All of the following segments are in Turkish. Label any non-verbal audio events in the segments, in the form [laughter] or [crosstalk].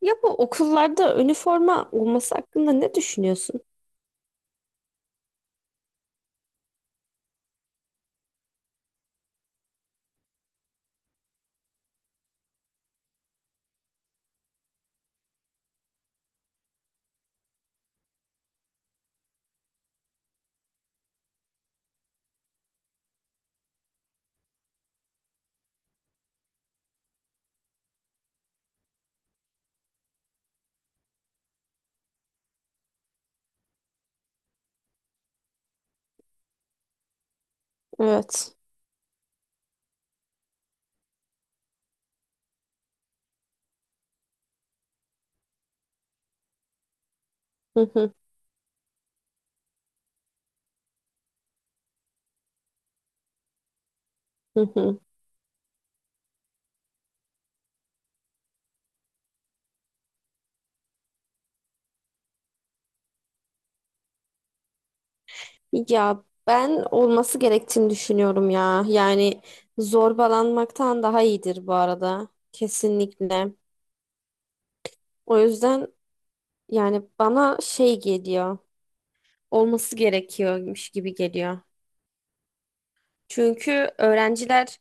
Ya bu okullarda üniforma olması hakkında ne düşünüyorsun? Evet. Hı hı, hı hı. Ya ben olması gerektiğini düşünüyorum ya. Yani zorbalanmaktan daha iyidir bu arada. Kesinlikle. O yüzden yani bana şey geliyor. Olması gerekiyormuş gibi geliyor. Çünkü öğrenciler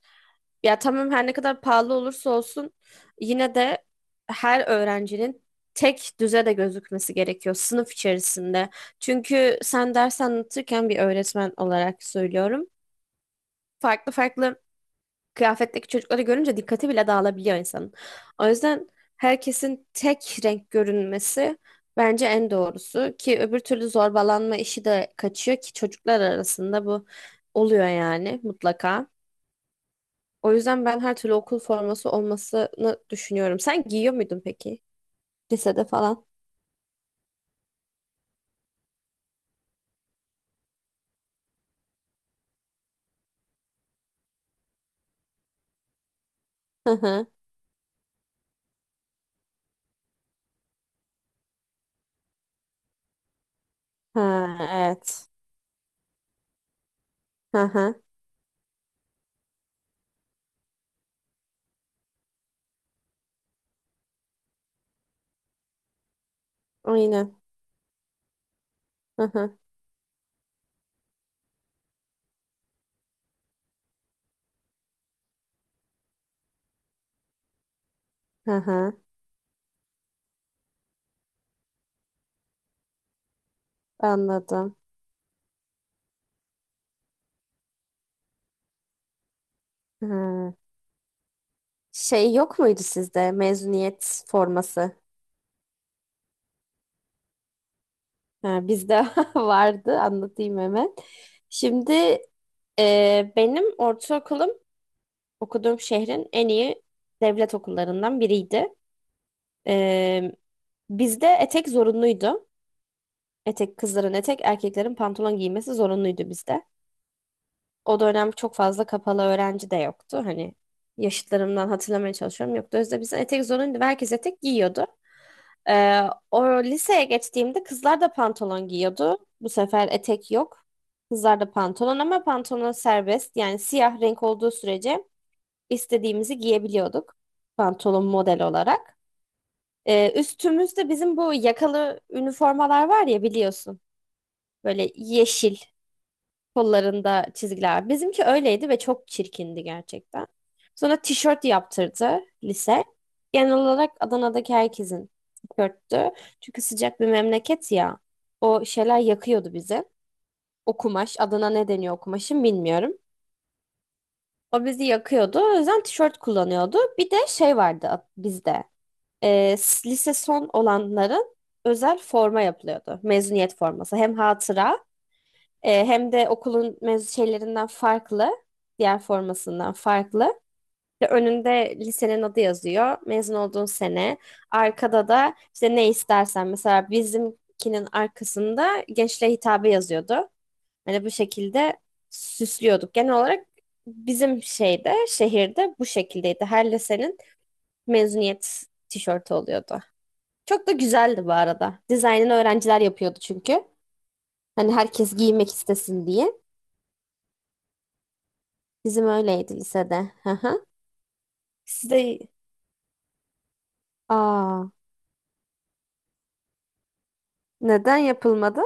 ya tamam her ne kadar pahalı olursa olsun yine de her öğrencinin tek düze de gözükmesi gerekiyor sınıf içerisinde. Çünkü sen ders anlatırken bir öğretmen olarak söylüyorum. Farklı farklı kıyafetteki çocukları görünce dikkati bile dağılabiliyor insanın. O yüzden herkesin tek renk görünmesi bence en doğrusu ki öbür türlü zorbalanma işi de kaçıyor ki çocuklar arasında bu oluyor yani mutlaka. O yüzden ben her türlü okul forması olmasını düşünüyorum. Sen giyiyor muydun peki? Lisede falan. Hı hı. Ha, evet. Hı hı. Aynen. Hı hı. Hı hı. Anladım. Hı. Şey yok muydu sizde mezuniyet forması? Ha, bizde [laughs] vardı. Anlatayım hemen. Şimdi benim ortaokulum okuduğum şehrin en iyi devlet okullarından biriydi. E, bizde etek zorunluydu. Etek kızların etek, erkeklerin pantolon giymesi zorunluydu bizde. O dönem çok fazla kapalı öğrenci de yoktu. Hani yaşıtlarımdan hatırlamaya çalışıyorum. Yoktu. O yüzden bize etek zorunluydu ve herkes etek giyiyordu. Ee, o liseye geçtiğimde kızlar da pantolon giyiyordu. Bu sefer etek yok. Kızlar da pantolon ama pantolon serbest. Yani siyah renk olduğu sürece istediğimizi giyebiliyorduk. Pantolon model olarak. Üstümüzde bizim bu yakalı üniformalar var ya biliyorsun. Böyle yeşil. Kollarında çizgiler. Bizimki öyleydi ve çok çirkindi gerçekten. Sonra tişört yaptırdı lise. Genel olarak Adana'daki herkesin tişörttü. Çünkü sıcak bir memleket ya. O şeyler yakıyordu bizi. O kumaş, adına ne deniyor o kumaşın bilmiyorum. O bizi yakıyordu. O yüzden tişört kullanıyordu. Bir de şey vardı bizde. Lise son olanların özel forma yapılıyordu. Mezuniyet forması. Hem hatıra hem de okulun mez şeylerinden farklı, diğer formasından farklı. İşte önünde lisenin adı yazıyor, mezun olduğun sene. Arkada da işte ne istersen mesela bizimkinin arkasında gençliğe hitabı yazıyordu. Hani bu şekilde süslüyorduk. Genel olarak bizim şeyde, şehirde bu şekildeydi. Her lisenin mezuniyet tişörtü oluyordu. Çok da güzeldi bu arada. Dizaynını öğrenciler yapıyordu çünkü. Hani herkes giymek istesin diye. Bizim öyleydi lisede. Hı hı. Sizde Aa, neden yapılmadı?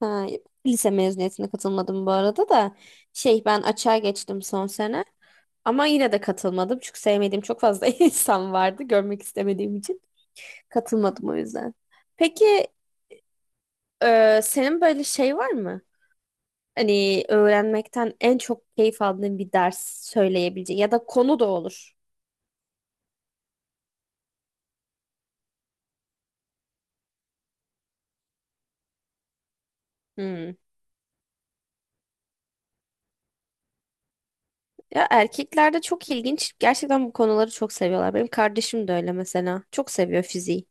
Ha, lise mezuniyetine katılmadım bu arada da. Şey ben açığa geçtim son sene. Ama yine de katılmadım. Çünkü sevmediğim çok fazla [laughs] insan vardı. Görmek istemediğim için. Katılmadım o yüzden. Peki senin böyle şey var mı? Hani öğrenmekten en çok keyif aldığın bir ders söyleyebileceğin ya da konu da olur. Hmm. Ya erkeklerde çok ilginç. Gerçekten bu konuları çok seviyorlar. Benim kardeşim de öyle mesela. Çok seviyor fiziği.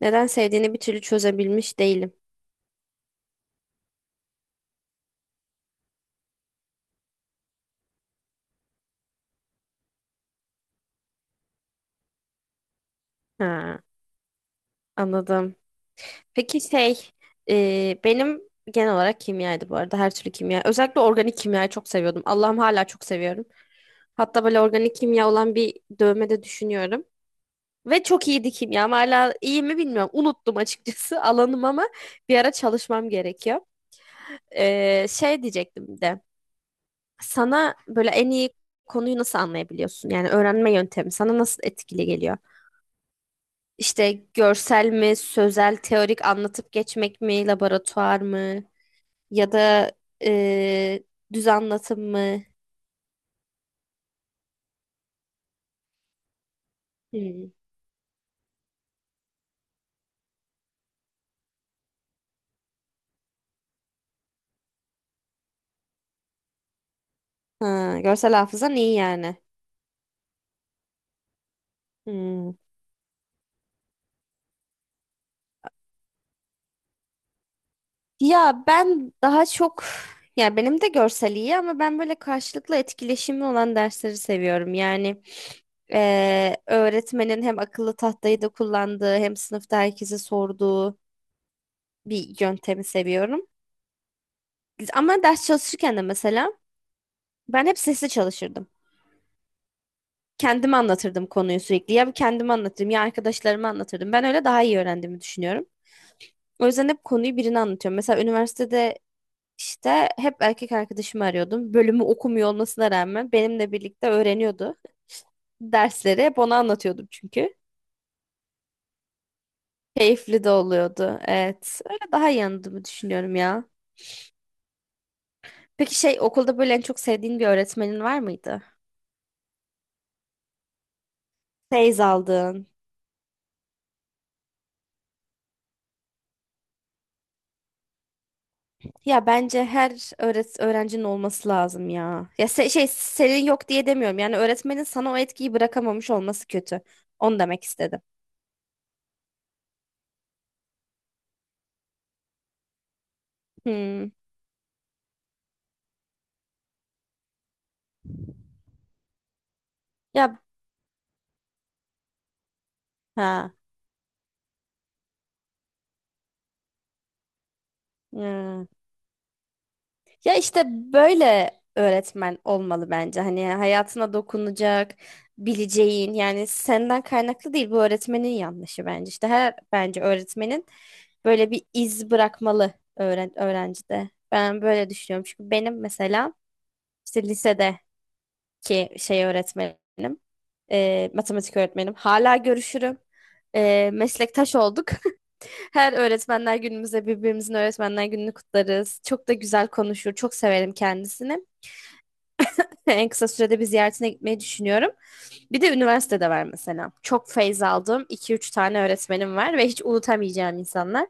Neden sevdiğini bir türlü çözebilmiş değilim. Ha, anladım. Peki şey, benim genel olarak kimyaydı bu arada. Her türlü kimya. Özellikle organik kimyayı çok seviyordum. Allah'ım hala çok seviyorum. Hatta böyle organik kimya olan bir dövme de düşünüyorum. Ve çok iyiydi kimyam. Hala iyi mi bilmiyorum. Unuttum açıkçası [laughs] alanım ama bir ara çalışmam gerekiyor. Şey diyecektim bir de. Sana böyle en iyi konuyu nasıl anlayabiliyorsun? Yani öğrenme yöntemi sana nasıl etkili geliyor? İşte görsel mi, sözel, teorik anlatıp geçmek mi, laboratuvar mı ya da e, düz anlatım mı? Hmm. Ha, görsel hafızan iyi yani. Hmm. Ya ben daha çok ya benim de görsel iyi ama ben böyle karşılıklı etkileşimli olan dersleri seviyorum. Yani öğretmenin hem akıllı tahtayı da kullandığı hem sınıfta herkese sorduğu bir yöntemi seviyorum. Ama ders çalışırken de mesela ben hep sesli çalışırdım. Kendime anlatırdım konuyu sürekli. Ya kendime anlatırdım ya arkadaşlarıma anlatırdım. Ben öyle daha iyi öğrendiğimi düşünüyorum. O yüzden hep konuyu birine anlatıyorum. Mesela üniversitede İşte hep erkek arkadaşımı arıyordum. Bölümü okumuyor olmasına rağmen benimle birlikte öğreniyordu. Dersleri hep ona anlatıyordum çünkü. Keyifli de oluyordu. Evet. Öyle daha iyi anladığımı düşünüyorum ya. Peki şey okulda böyle en çok sevdiğin bir öğretmenin var mıydı? Feyz aldığın. Ya bence her öğrencinin olması lazım ya. Ya şey senin yok diye demiyorum. Yani öğretmenin sana o etkiyi bırakamamış olması kötü. Onu demek istedim. Hmm. Ya ha. Hmm. Ya işte böyle öğretmen olmalı bence. Hani hayatına dokunacak, bileceğin yani senden kaynaklı değil bu öğretmenin yanlışı bence. İşte her bence öğretmenin böyle bir iz bırakmalı öğrencide. Ben böyle düşünüyorum. Çünkü benim mesela işte lisede ki şey öğretmenim, matematik öğretmenim. Hala görüşürüm. Meslektaş olduk. [laughs] Her öğretmenler günümüzde birbirimizin öğretmenler gününü kutlarız. Çok da güzel konuşur. Çok severim kendisini. [laughs] En kısa sürede bir ziyaretine gitmeyi düşünüyorum. Bir de üniversitede var mesela. Çok feyz aldığım iki üç tane öğretmenim var ve hiç unutamayacağım insanlar.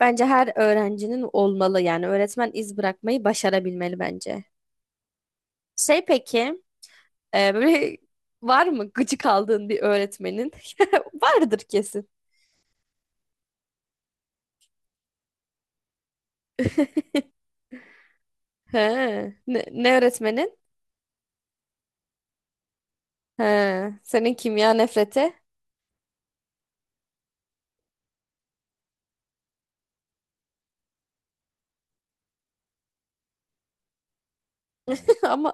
Bence her öğrencinin olmalı yani öğretmen iz bırakmayı başarabilmeli bence. Şey peki, böyle var mı gıcık aldığın bir öğretmenin? [laughs] Vardır kesin. He. Ne öğretmenin? He. Senin kimya nefreti. [laughs] Ama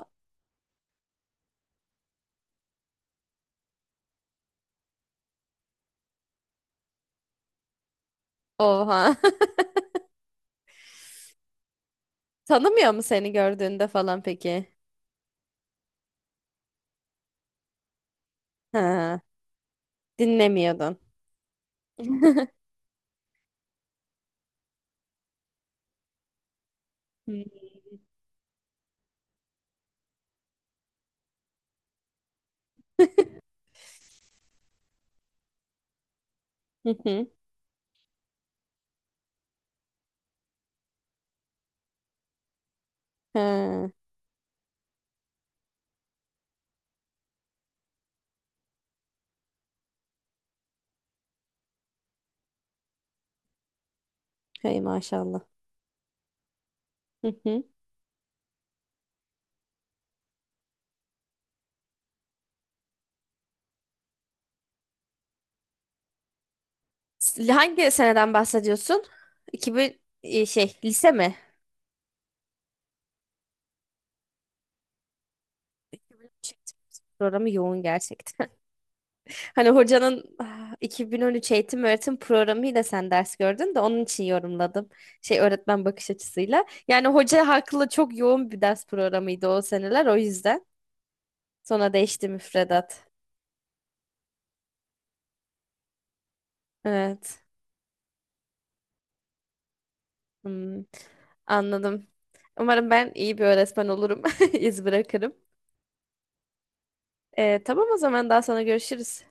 oha. [laughs] Tanımıyor mu seni gördüğünde falan peki? Ha. Dinlemiyordun. [laughs] Hı hı. Hı. Ha. Hey maşallah. Hı hı. Hangi seneden bahsediyorsun? 2000 şey lise mi? 2013. Programı yoğun gerçekten. Hani hocanın 2013 eğitim öğretim programıyla sen ders gördün de onun için yorumladım. Şey öğretmen bakış açısıyla. Yani hoca haklı çok yoğun bir ders programıydı o seneler o yüzden. Sonra değişti müfredat. Evet. Hmm, anladım. Umarım ben iyi bir öğretmen olurum. [laughs] İz bırakırım. Tamam o zaman daha sonra görüşürüz.